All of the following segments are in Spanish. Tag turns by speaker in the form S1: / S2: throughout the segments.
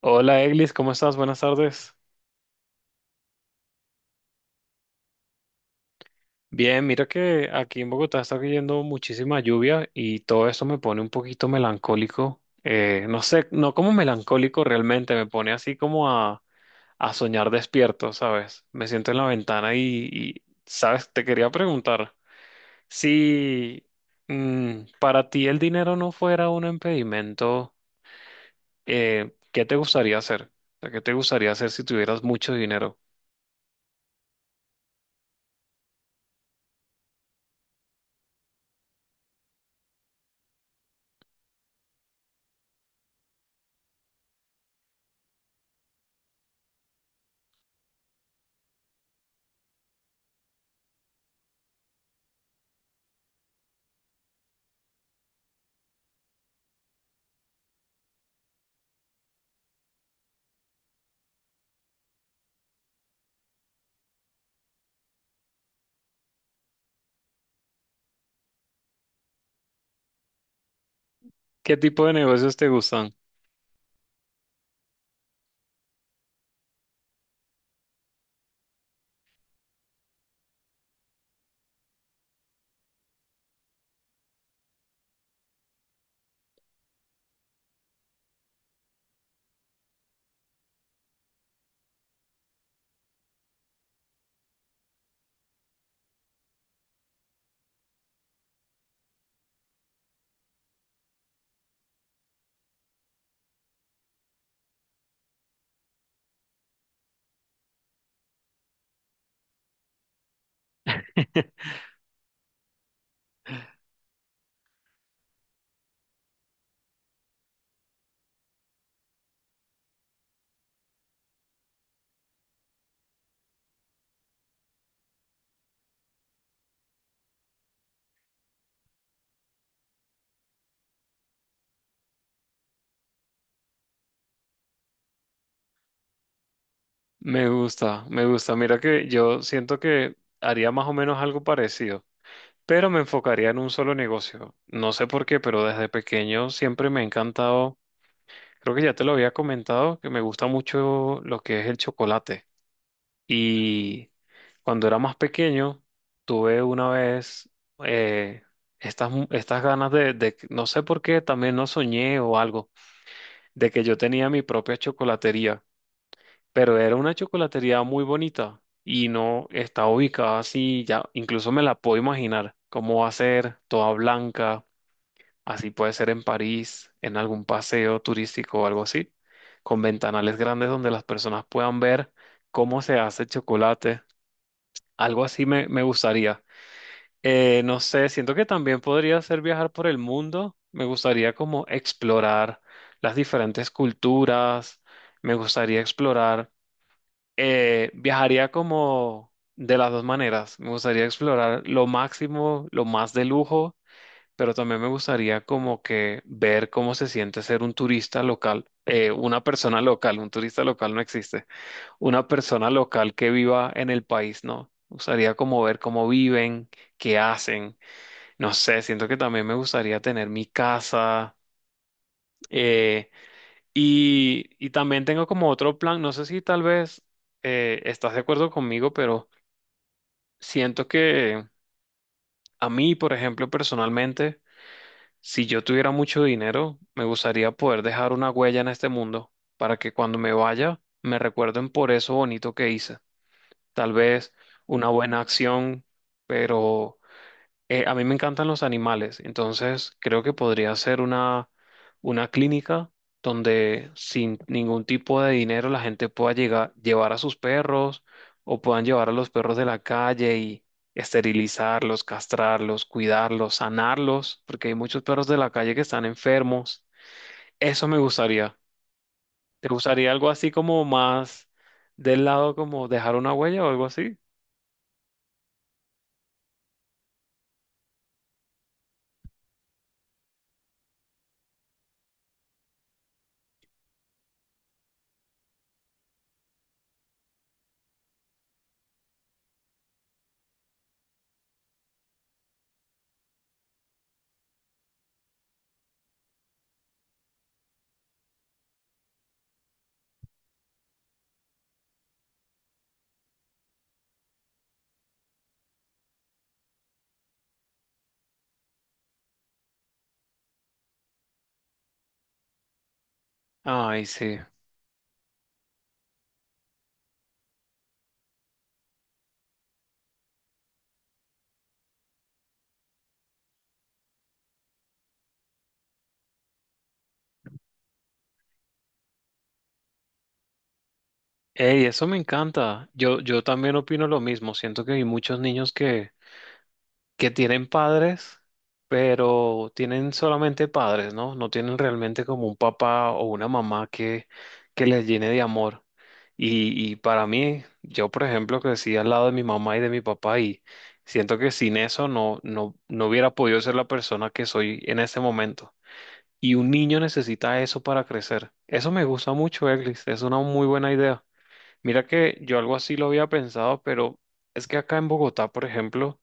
S1: Hola Eglis, ¿cómo estás? Buenas tardes. Bien, mira que aquí en Bogotá está cayendo muchísima lluvia y todo eso me pone un poquito melancólico. No sé, no como melancólico realmente, me pone así como a soñar despierto, ¿sabes? Me siento en la ventana y, ¿sabes? Te quería preguntar si para ti el dinero no fuera un impedimento, ¿qué te gustaría hacer? O sea, ¿qué te gustaría hacer si tuvieras mucho dinero? ¿Qué tipo de negocios te gustan? Me gusta, me gusta. Mira que yo siento que haría más o menos algo parecido, pero me enfocaría en un solo negocio. No sé por qué, pero desde pequeño siempre me ha encantado, creo que ya te lo había comentado, que me gusta mucho lo que es el chocolate. Y cuando era más pequeño, tuve una vez eh, estas ganas de no sé por qué, también no soñé o algo, de que yo tenía mi propia chocolatería, pero era una chocolatería muy bonita y no está ubicada así, ya incluso me la puedo imaginar cómo va a ser, toda blanca, así puede ser en París, en algún paseo turístico o algo así, con ventanales grandes donde las personas puedan ver cómo se hace el chocolate, algo así me gustaría. No sé, siento que también podría ser viajar por el mundo, me gustaría como explorar las diferentes culturas, me gustaría explorar viajaría como de las dos maneras. Me gustaría explorar lo máximo, lo más de lujo, pero también me gustaría como que ver cómo se siente ser un turista local. Eh, una persona local, un turista local no existe, una persona local que viva en el país, ¿no? Me gustaría como ver cómo viven, qué hacen, no sé, siento que también me gustaría tener mi casa. eh, y también tengo como otro plan, no sé si tal vez estás de acuerdo conmigo, pero… Siento que a mí, por ejemplo, personalmente, si yo tuviera mucho dinero, me gustaría poder dejar una huella en este mundo para que cuando me vaya me recuerden por eso bonito que hice. Tal vez una buena acción, pero a mí me encantan los animales, entonces creo que podría ser una clínica donde sin ningún tipo de dinero la gente pueda llegar, llevar a sus perros o puedan llevar a los perros de la calle y esterilizarlos, castrarlos, cuidarlos, sanarlos, porque hay muchos perros de la calle que están enfermos. Eso me gustaría. ¿Te gustaría algo así como más del lado como dejar una huella o algo así? Ay, sí. Ey, eso me encanta. Yo también opino lo mismo. Siento que hay muchos niños que tienen padres, pero tienen solamente padres, ¿no? No tienen realmente como un papá o una mamá que les llene de amor. Y para mí, yo por ejemplo crecí al lado de mi mamá y de mi papá y siento que sin eso no hubiera podido ser la persona que soy en este momento. Y un niño necesita eso para crecer. Eso me gusta mucho, Eglis. Es una muy buena idea. Mira que yo algo así lo había pensado, pero es que acá en Bogotá, por ejemplo,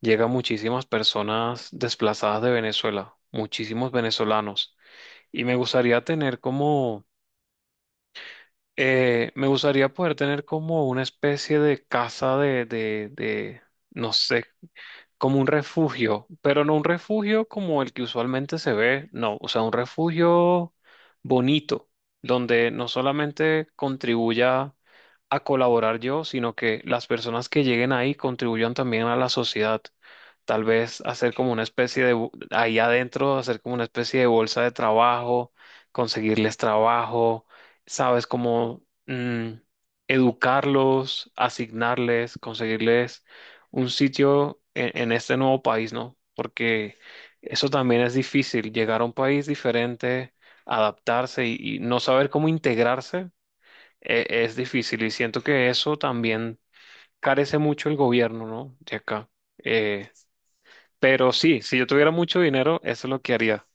S1: llegan muchísimas personas desplazadas de Venezuela, muchísimos venezolanos, y me gustaría tener como, me gustaría poder tener como una especie de casa no sé, como un refugio, pero no un refugio como el que usualmente se ve, no, o sea, un refugio bonito, donde no solamente contribuya a colaborar yo, sino que las personas que lleguen ahí contribuyan también a la sociedad. Tal vez hacer como una especie de ahí adentro, hacer como una especie de bolsa de trabajo, conseguirles trabajo, sabes, educarlos, asignarles, conseguirles un sitio en este nuevo país, ¿no? Porque eso también es difícil, llegar a un país diferente, adaptarse y no saber cómo integrarse es difícil. Y siento que eso también carece mucho el gobierno, ¿no? De acá. Eh, pero sí, si yo tuviera mucho dinero, eso es lo que haría.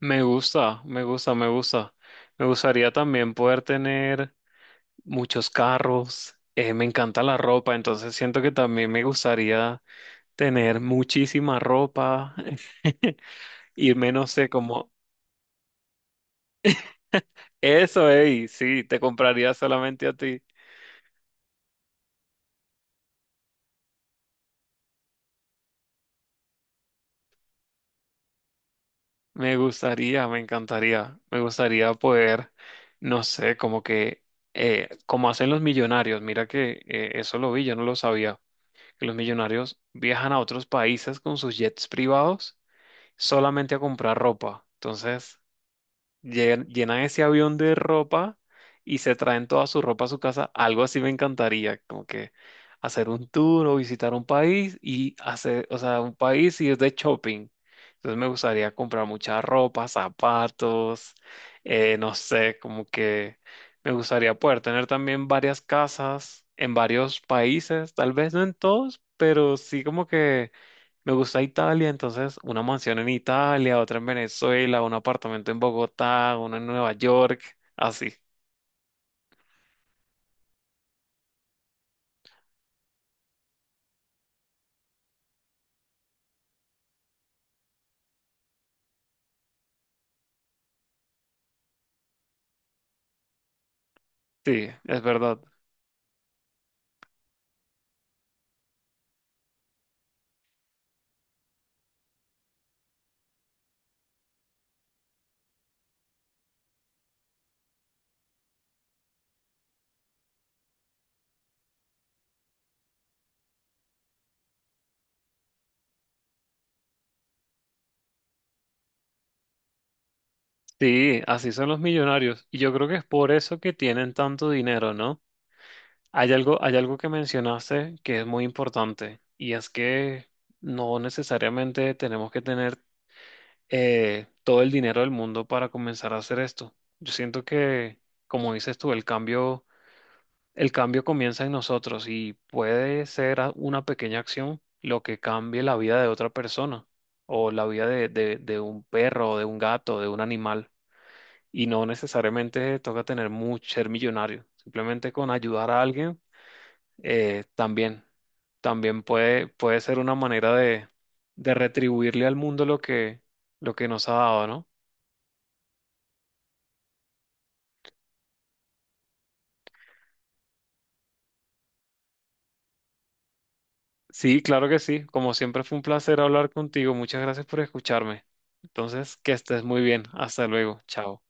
S1: Me gusta, me gusta, me gusta. Me gustaría también poder tener muchos carros. Me encanta la ropa, entonces siento que también me gustaría tener muchísima ropa, irme, no sé, como eso, ey, sí, te compraría solamente a ti. Me gustaría, me encantaría, me gustaría poder, no sé, como que, como hacen los millonarios, mira que eso lo vi, yo no lo sabía, que los millonarios viajan a otros países con sus jets privados solamente a comprar ropa. Entonces, llenan ese avión de ropa y se traen toda su ropa a su casa. Algo así me encantaría, como que hacer un tour o visitar un país y hacer, o sea, un país y es de shopping. Entonces me gustaría comprar mucha ropa, zapatos, no sé, como que me gustaría poder tener también varias casas en varios países, tal vez no en todos, pero sí como que me gusta Italia, entonces una mansión en Italia, otra en Venezuela, un apartamento en Bogotá, uno en Nueva York, así. Sí, es verdad. Sí, así son los millonarios. Y yo creo que es por eso que tienen tanto dinero, ¿no? Hay algo que mencionaste que es muy importante, y es que no necesariamente tenemos que tener todo el dinero del mundo para comenzar a hacer esto. Yo siento que, como dices tú, el cambio comienza en nosotros y puede ser una pequeña acción lo que cambie la vida de otra persona o la vida de un perro, de un gato, de un animal. Y no necesariamente toca tener mucho, ser millonario. Simplemente con ayudar a alguien, también, también puede, puede ser una manera de retribuirle al mundo lo que nos ha dado, ¿no? Sí, claro que sí. Como siempre fue un placer hablar contigo. Muchas gracias por escucharme. Entonces, que estés muy bien. Hasta luego. Chao.